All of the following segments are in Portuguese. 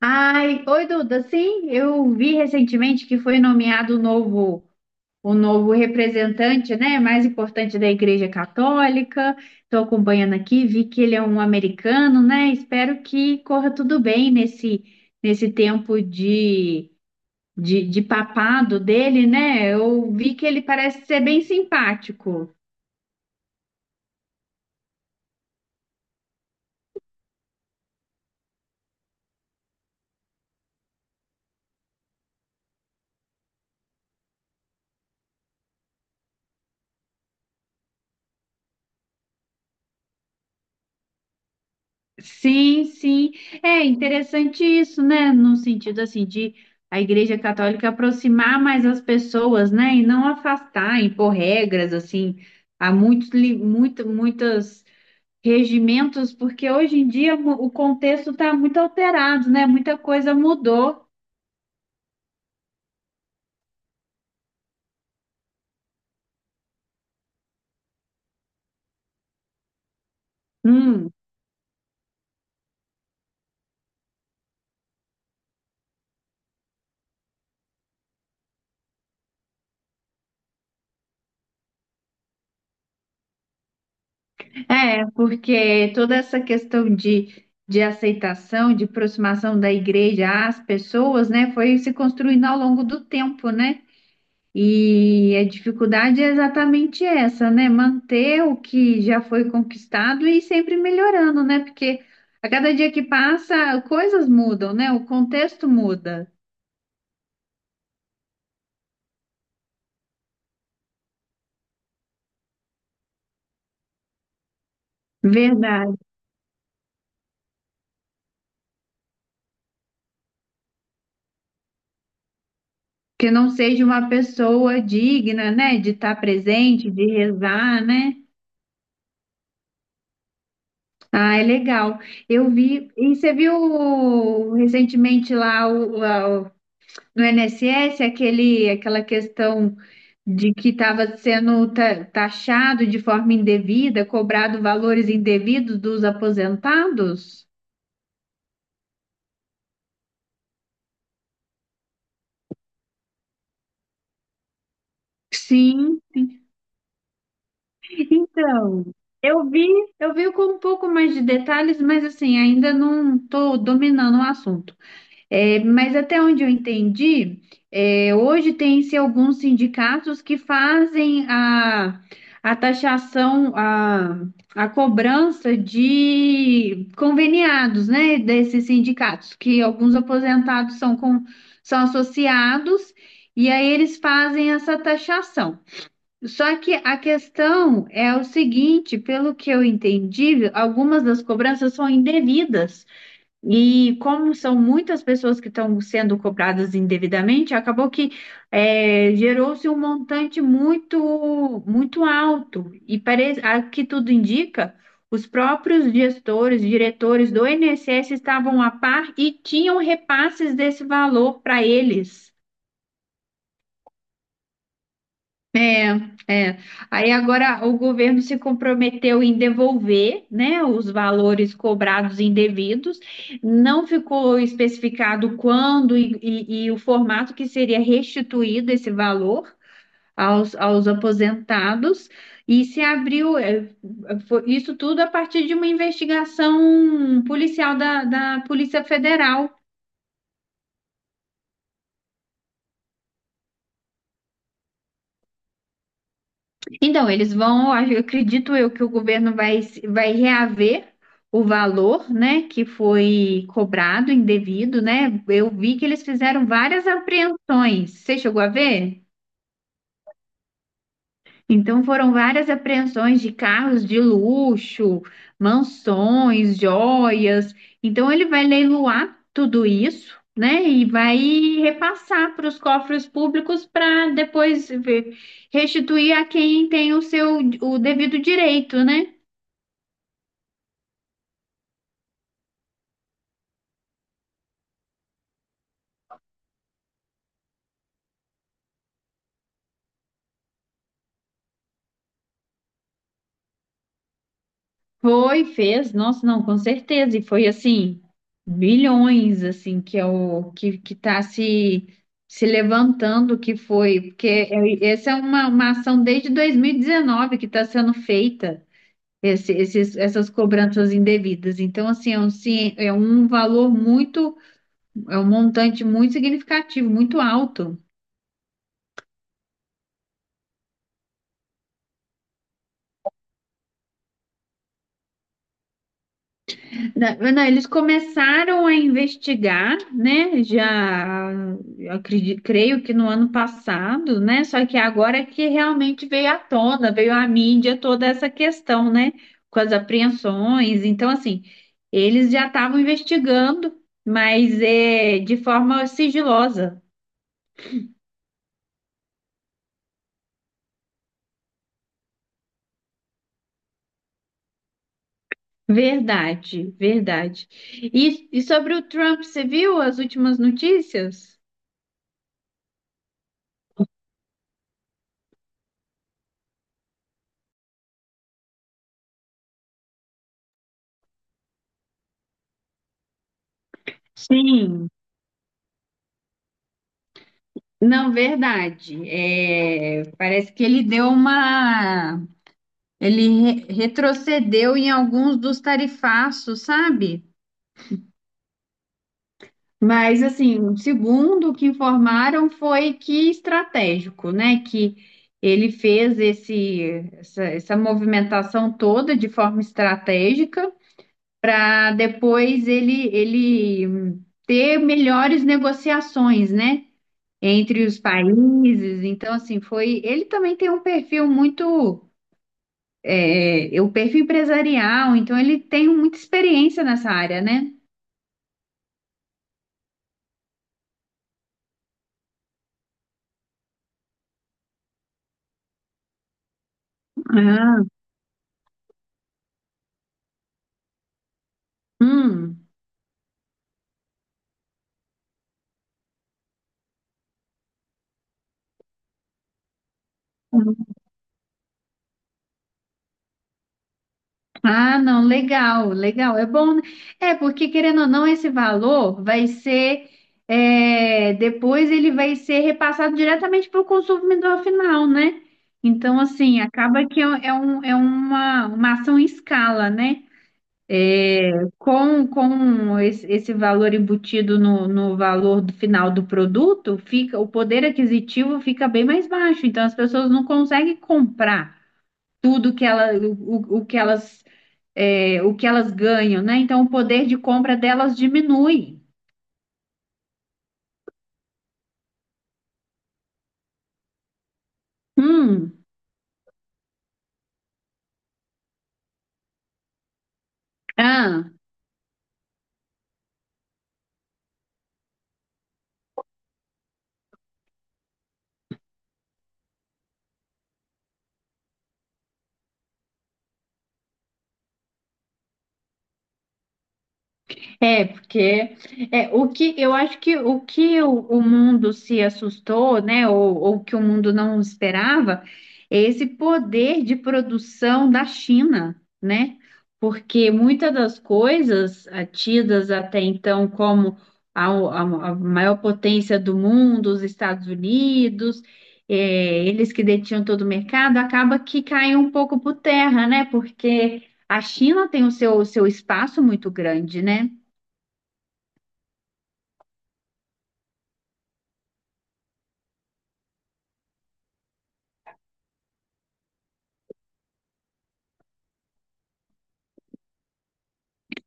Ai, oi Duda, sim, eu vi recentemente que foi nomeado o novo representante, né, mais importante da Igreja Católica. Estou acompanhando aqui, vi que ele é um americano, né? Espero que corra tudo bem nesse, nesse tempo de papado dele, né? Eu vi que ele parece ser bem simpático. Sim, sim. É interessante isso, né? No sentido assim de a Igreja Católica aproximar mais as pessoas, né? E não afastar, impor regras assim. Há muitos, muito, muitos regimentos, porque hoje em dia o contexto está muito alterado, né? Muita coisa mudou. Hum, é, porque toda essa questão de aceitação, de aproximação da igreja às pessoas, né, foi se construindo ao longo do tempo, né? E a dificuldade é exatamente essa, né? Manter o que já foi conquistado e ir sempre melhorando, né? Porque a cada dia que passa, coisas mudam, né? O contexto muda. Verdade. Que não seja uma pessoa digna, né? De estar presente, de rezar, né? Ah, é legal. Eu vi. E você viu recentemente lá no INSS aquele, aquela questão, de que estava sendo taxado de forma indevida, cobrado valores indevidos dos aposentados? Sim, então, eu vi, eu vi com um pouco mais de detalhes, mas assim, ainda não estou dominando o assunto. É, mas até onde eu entendi, é, hoje tem-se alguns sindicatos que fazem a taxação, a cobrança de conveniados, né, desses sindicatos, que alguns aposentados são, com, são associados, e aí eles fazem essa taxação. Só que a questão é o seguinte, pelo que eu entendi, algumas das cobranças são indevidas. E como são muitas pessoas que estão sendo cobradas indevidamente, acabou que é, gerou-se um montante muito muito alto. E parece, a que tudo indica, os próprios gestores, diretores do INSS estavam a par e tinham repasses desse valor para eles. É. Aí agora o governo se comprometeu em devolver, né, os valores cobrados indevidos. Não ficou especificado quando e o formato que seria restituído esse valor aos, aos aposentados. E se abriu, é, isso tudo a partir de uma investigação policial da Polícia Federal. Então, eles vão, eu acredito eu que o governo vai reaver o valor, né, que foi cobrado indevido, né? Eu vi que eles fizeram várias apreensões. Você chegou a ver? Então foram várias apreensões de carros de luxo, mansões, joias. Então ele vai leiloar tudo isso, né? E vai repassar para os cofres públicos para depois restituir a quem tem o seu o devido direito, né? Foi, fez, nossa, não, com certeza. E foi assim, bilhões assim que é o que está se levantando que foi, porque essa é uma ação desde 2019 que está sendo feita essas cobranças indevidas. Então, assim, é um, é um valor muito, é um montante muito significativo, muito alto. Não, eles começaram a investigar, né? Já eu acredito, creio que no ano passado, né? Só que agora é que realmente veio à tona, veio à mídia toda essa questão, né? Com as apreensões. Então, assim, eles já estavam investigando, mas é de forma sigilosa. Verdade, verdade. E sobre o Trump, você viu as últimas notícias? Sim, não, verdade. É, parece que ele deu uma. Ele retrocedeu em alguns dos tarifaços, sabe? Mas, assim, segundo o que informaram, foi que estratégico, né? Que ele fez esse, essa movimentação toda de forma estratégica para depois ele, ele ter melhores negociações, né? Entre os países. Então, assim, foi. Ele também tem um perfil muito. É, é, o perfil empresarial, então ele tem muita experiência nessa área, né? Ah, hum. Ah, não, legal, legal. É bom, né? É, porque querendo ou não, esse valor vai ser. É, depois ele vai ser repassado diretamente para o consumidor final, né? Então, assim, acaba que é um, é uma ação em escala, né? Com esse, esse valor embutido no, no valor do final do produto, fica o poder aquisitivo fica bem mais baixo. Então, as pessoas não conseguem comprar tudo que ela, o que elas, é, o que elas ganham, né? Então, o poder de compra delas diminui. Hum, ah. É, porque é, o que eu acho que o que o mundo se assustou, né, ou que o mundo não esperava, é esse poder de produção da China, né? Porque muitas das coisas ah, tidas até então como a, a- a maior potência do mundo, os Estados Unidos, é, eles que detinham todo o mercado, acaba que cai um pouco por terra, né? Porque a China tem o seu espaço muito grande, né?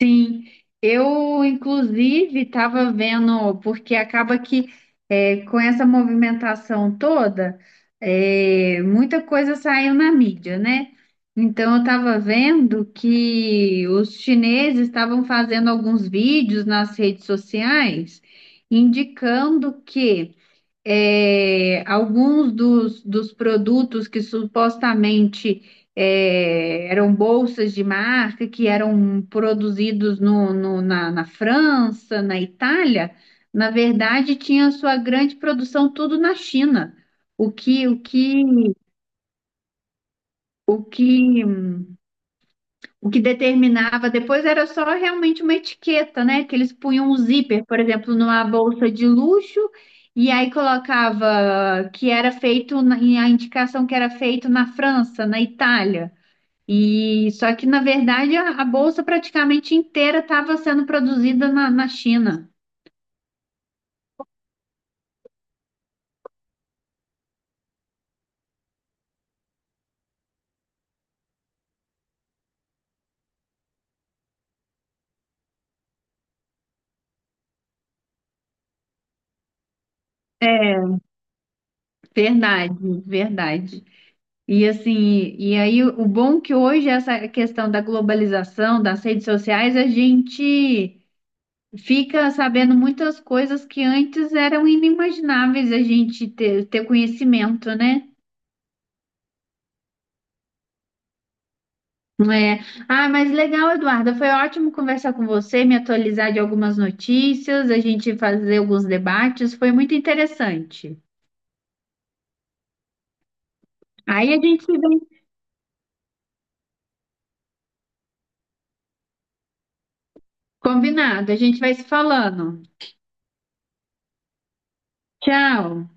Sim, eu inclusive estava vendo, porque acaba que é, com essa movimentação toda, é, muita coisa saiu na mídia, né? Então eu estava vendo que os chineses estavam fazendo alguns vídeos nas redes sociais indicando que é, alguns dos produtos que supostamente é, eram bolsas de marca, que eram produzidos na França, na Itália, na verdade tinha sua grande produção tudo na China. O que, o que, o que O que determinava depois era só realmente uma etiqueta, né? Que eles punham um zíper, por exemplo, numa bolsa de luxo, e aí colocava que era feito, e a indicação que era feito na França, na Itália. E só que, na verdade, a bolsa praticamente inteira estava sendo produzida na China. É, verdade, verdade. E assim, e aí o bom que hoje essa questão da globalização, das redes sociais, a gente fica sabendo muitas coisas que antes eram inimagináveis a gente ter, ter conhecimento, né? É. Ah, mas legal, Eduarda. Foi ótimo conversar com você, me atualizar de algumas notícias, a gente fazer alguns debates. Foi muito interessante. Aí a gente se vê combinado, a gente vai se falando. Tchau.